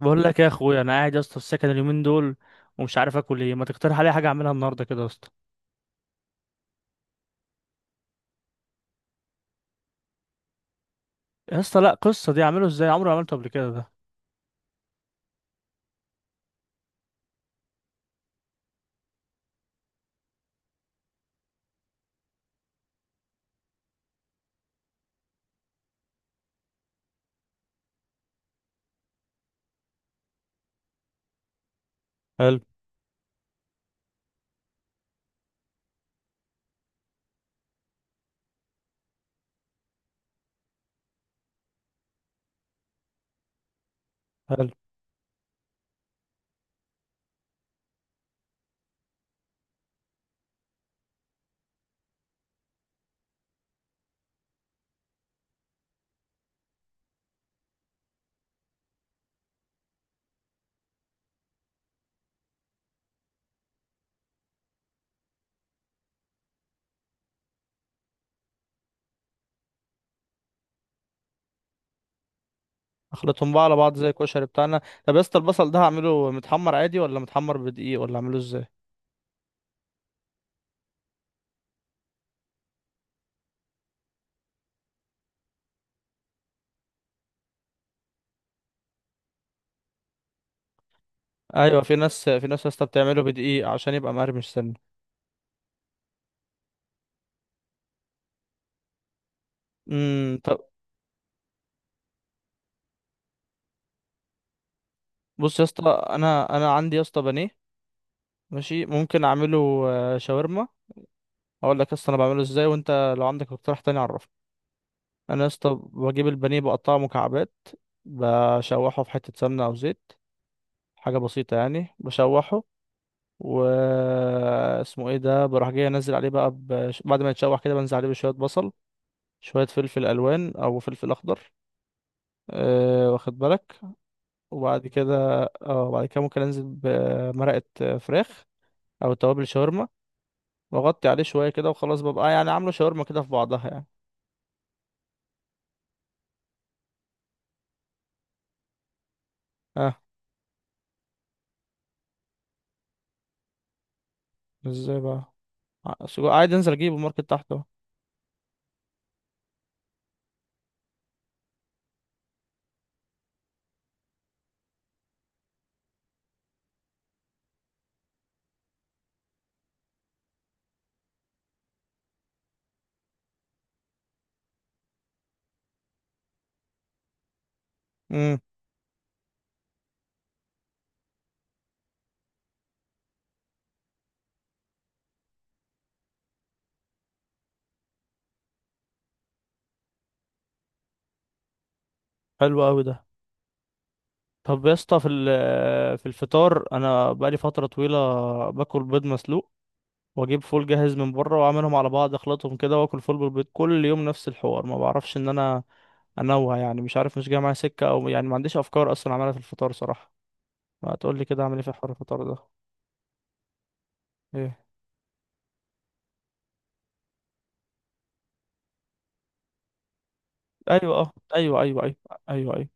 بقول لك يا اخويا، انا قاعد يا اسطى في السكن اليومين دول، ومش عارف اكل ايه. ما تقترح عليا حاجه اعملها النهارده كده يا اسطى؟ يا اسطى لا، قصه دي اعمله ازاي؟ عمري ما عملته قبل كده ده. حلو. حلو. اخلطهم بقى على بعض زي الكشري بتاعنا. طب يا اسطى، البصل ده هعمله متحمر عادي ولا متحمر بدقيق ولا اعمله ازاي؟ ايوه، في ناس يا اسطى بتعمله بدقيق عشان يبقى مقرمش سنه. طب. بص يا اسطى، انا عندي يا اسطى بانيه. ماشي، ممكن اعمله. آه، شاورما. اقول لك يا اسطى انا بعمله ازاي، وانت لو عندك اقتراح تاني عرفني. انا يا اسطى بجيب البانيه، بقطعه مكعبات. بشوحه في حته سمنه او زيت. حاجه بسيطه يعني، بشوحه. و اسمه ايه ده، بروح جاي انزل عليه بقى، بعد ما يتشوح كده، بنزل عليه بشويه بصل. شويه فلفل الوان او فلفل اخضر. أه، واخد بالك. وبعد كده. اه، بعد كده ممكن انزل بمرقه فراخ، او توابل شاورما، واغطي عليه شويه كده وخلاص، ببقى يعني عامله شاورما كده في بعضها يعني. اه، ازاي بقى؟ ع- عادي انزل اجيبه ماركت تحت اهو. امم. حلو قوي ده. طب يا اسطى، في الفطار انا بقالي فتره طويله، باكل بيض مسلوق، واجيب فول جاهز من بره، واعملهم على بعض، اخلطهم كده، واكل فول بالبيض كل يوم نفس الحوار. ما بعرفش ان انا انوع يعني. مش عارف، مش جاي معايا سكه، او يعني ما عنديش افكار اصلا اعملها في الفطار صراحه. ما تقول لي كده اعمل ايه في حوار الفطار ده؟ ايه؟ ايوه، اه، ايوه، ايوه، ايوه. ايوه، ايوه.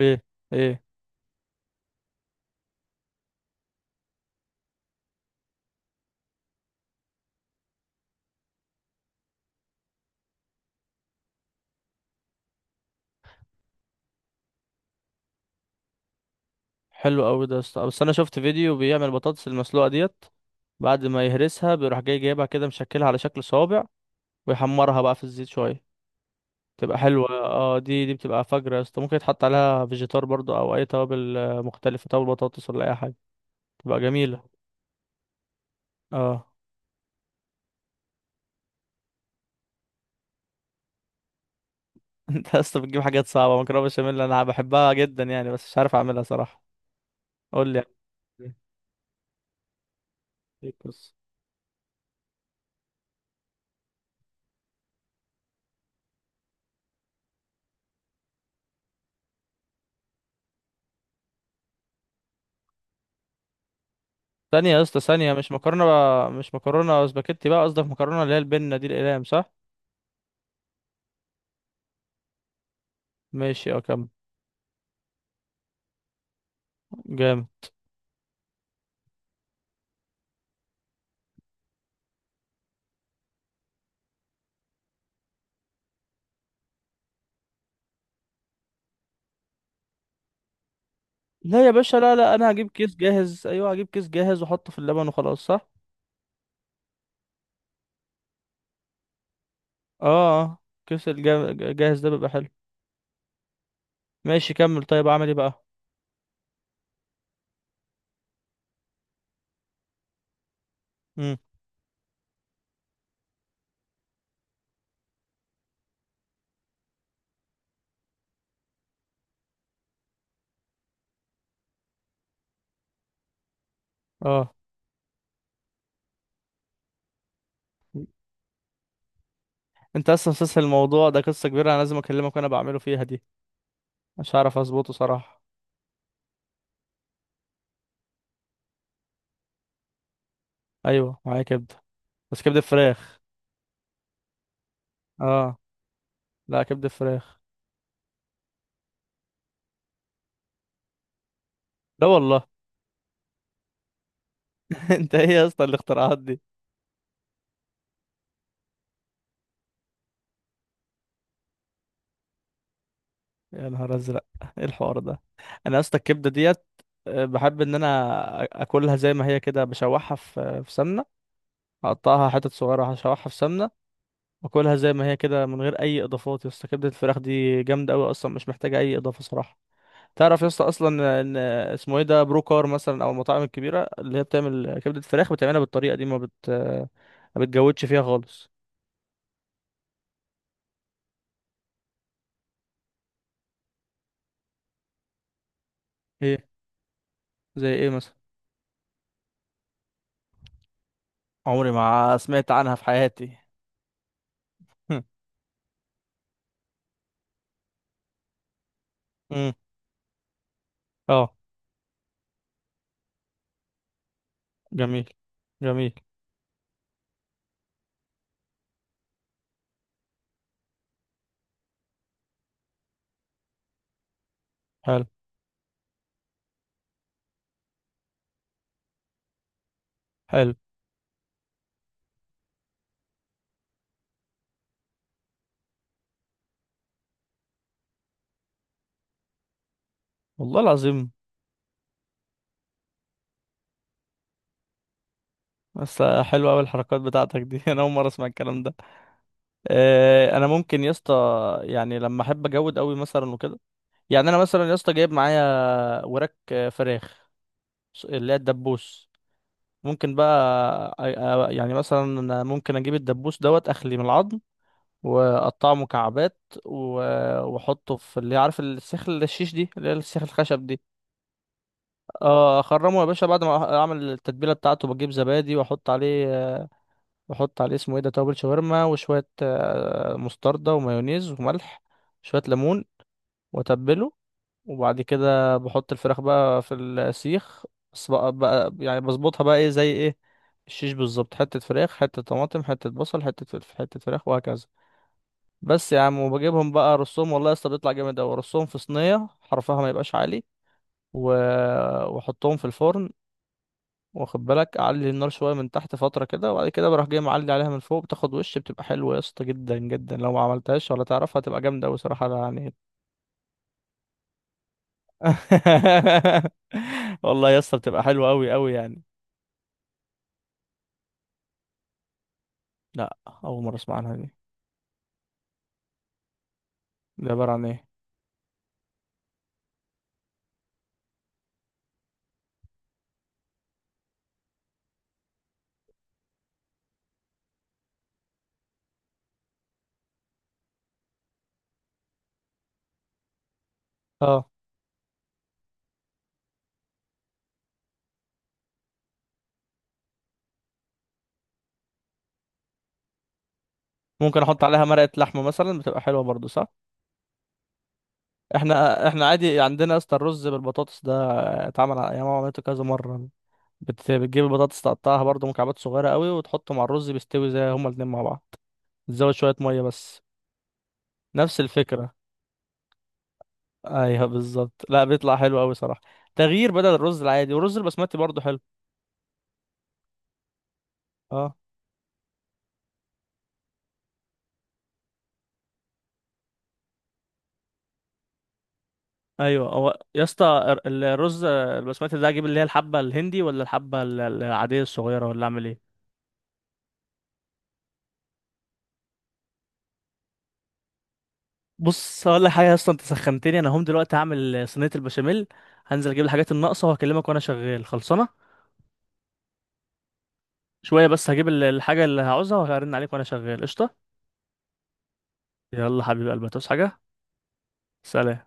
ايه؟ ايه؟ حلو قوي ده يا اسطى، بس انا شفت فيديو بيعمل البطاطس المسلوقه ديت، بعد ما يهرسها بيروح جاي جايبها كده، مشكلها على شكل صوابع، ويحمرها بقى في الزيت شويه. بتبقى حلوة، اه، دي بتبقى فجرة يا اسطى، ممكن يتحط عليها فيجيتار برضو، او اي توابل مختلفة، توابل بطاطس ولا اي حاجة، تبقى جميلة. اه. انت يا اسطى بتجيب حاجات صعبة! مكرونة بشاميل انا بحبها جدا يعني، بس مش عارف اعملها صراحة. قول لي. يعني. ايه القصة؟ ثانية يا اسطى، ثانية، مش مكرونة بقى، مش مكرونة سباكيتي بقى، قصدك مكرونة اللي هي البنة دي، الأقلام، صح؟ ماشي، اه، كمل. جامد. لا يا باشا، لا لا، انا هجيب كيس جاهز، ايوه هجيب كيس جاهز واحطه في اللبن وخلاص، صح؟ اه. آه. كيس الجاهز ده بيبقى حلو. ماشي، كمل، طيب اعمل ايه بقى؟ امم. اه. انت اصلا مسلسل الموضوع ده، قصه كبيره! انا لازم اكلمك وانا بعمله فيها دي، مش هعرف اظبطه صراحه. ايوه، معايا كبده، بس كبده فراخ. اه. لا، كبده فراخ. لا والله. انت ايه يا اسطى الاختراعات دي؟ يا نهار ازرق! ايه الحوار ده؟ انا يا اسطى الكبده ديت، بحب ان انا اكلها زي ما هي كده، بشوحها في سمنه. اقطعها حتت صغيره، هشوحها في سمنه، واكلها زي ما هي كده من غير اي اضافات. يا اسطى كبده الفراخ دي جامده قوي اصلا، مش محتاجه اي اضافه صراحه. تعرف يا اسطى اصلا ان اسمه ايه ده، بروكار مثلا، او المطاعم الكبيره اللي هي بتعمل كبده فراخ بتعملها بالطريقه دي، ما بتجودش فيها خالص. ايه زي ايه مثلا؟ عمري ما سمعت عنها في حياتي! امم. اه، جميل. جميل. حلو. حلو. والله العظيم! بس حلوه قوي الحركات بتاعتك دي! انا اول مره اسمع الكلام ده. انا ممكن يا اسطى، يعني لما احب اجود قوي مثلا وكده، يعني انا مثلا يا اسطى جايب معايا وراك فراخ، اللي هي الدبوس. ممكن بقى يعني مثلا أنا ممكن اجيب الدبوس دوت، اخلي من العظم، واقطعه مكعبات، و- واحطه في اللي عارف السيخ الشيش دي، اللي هي السيخ الخشب دي. اه، اخرمه يا باشا. بعد ما اعمل التتبيله بتاعته، بجيب زبادي واحط عليه واحط عليه اسمه ايه ده توابل شاورما، وشويه مستردة ومايونيز وملح، شويه ليمون، واتبله. وبعد كده بحط الفراخ بقى في السيخ. بس بقى، يعني بظبطها بقى، ايه زي ايه، الشيش بالظبط، حتة فراخ، حتة طماطم، حتة بصل، حتة فلفل، حتة فراخ وهكذا. بس يا عم، وبجيبهم بقى ارصهم، والله يا اسطى بيطلع جامد اوي، ارصهم في صينية حرفها ما يبقاش عالي. و... واحطهم في الفرن. واخد بالك، اعلي النار شوية من تحت فترة كده، وبعد كده بروح جاي معلي عليها من فوق، بتاخد وش، بتبقى حلوة يا اسطى جدا جدا. لو ما عملتهاش ولا تعرفها هتبقى جامدة اوي صراحة يعني. والله يا اسطى بتبقى حلوه قوي قوي يعني. لا، اول مره اسمع عنها دي. دي عباره عن ايه؟ اه، ممكن احط عليها مرقه لحمه مثلا، بتبقى حلوه برضو، صح؟ احنا عادي عندنا يا اسطى الرز بالبطاطس ده، اتعمل على ايام عملته كذا مره. بتجيب البطاطس تقطعها برضو مكعبات صغيره قوي، وتحطه مع الرز، بيستوي زي هما الاتنين مع بعض، تزود شويه ميه بس. نفس الفكره. ايوه بالظبط. لا بيطلع حلو قوي صراحه، تغيير بدل الرز العادي، والرز البسمتي برضو حلو. اه، ايوه هو يا اسطى، الرز البسمتي ده اجيب اللي هي الحبه الهندي، ولا الحبه العاديه الصغيره، ولا اعمل ايه؟ بص، هقول لك حاجه يا اسطى. انت سخنتني، انا هم دلوقتي هعمل صينيه البشاميل، هنزل اجيب الحاجات الناقصه، وهكلمك وانا شغال خلصانه. شويه بس، هجيب الحاجه اللي هعوزها، وهرن عليك وانا شغال قشطه. يلا حبيب قلبي، هتعوز حاجه؟ سلام.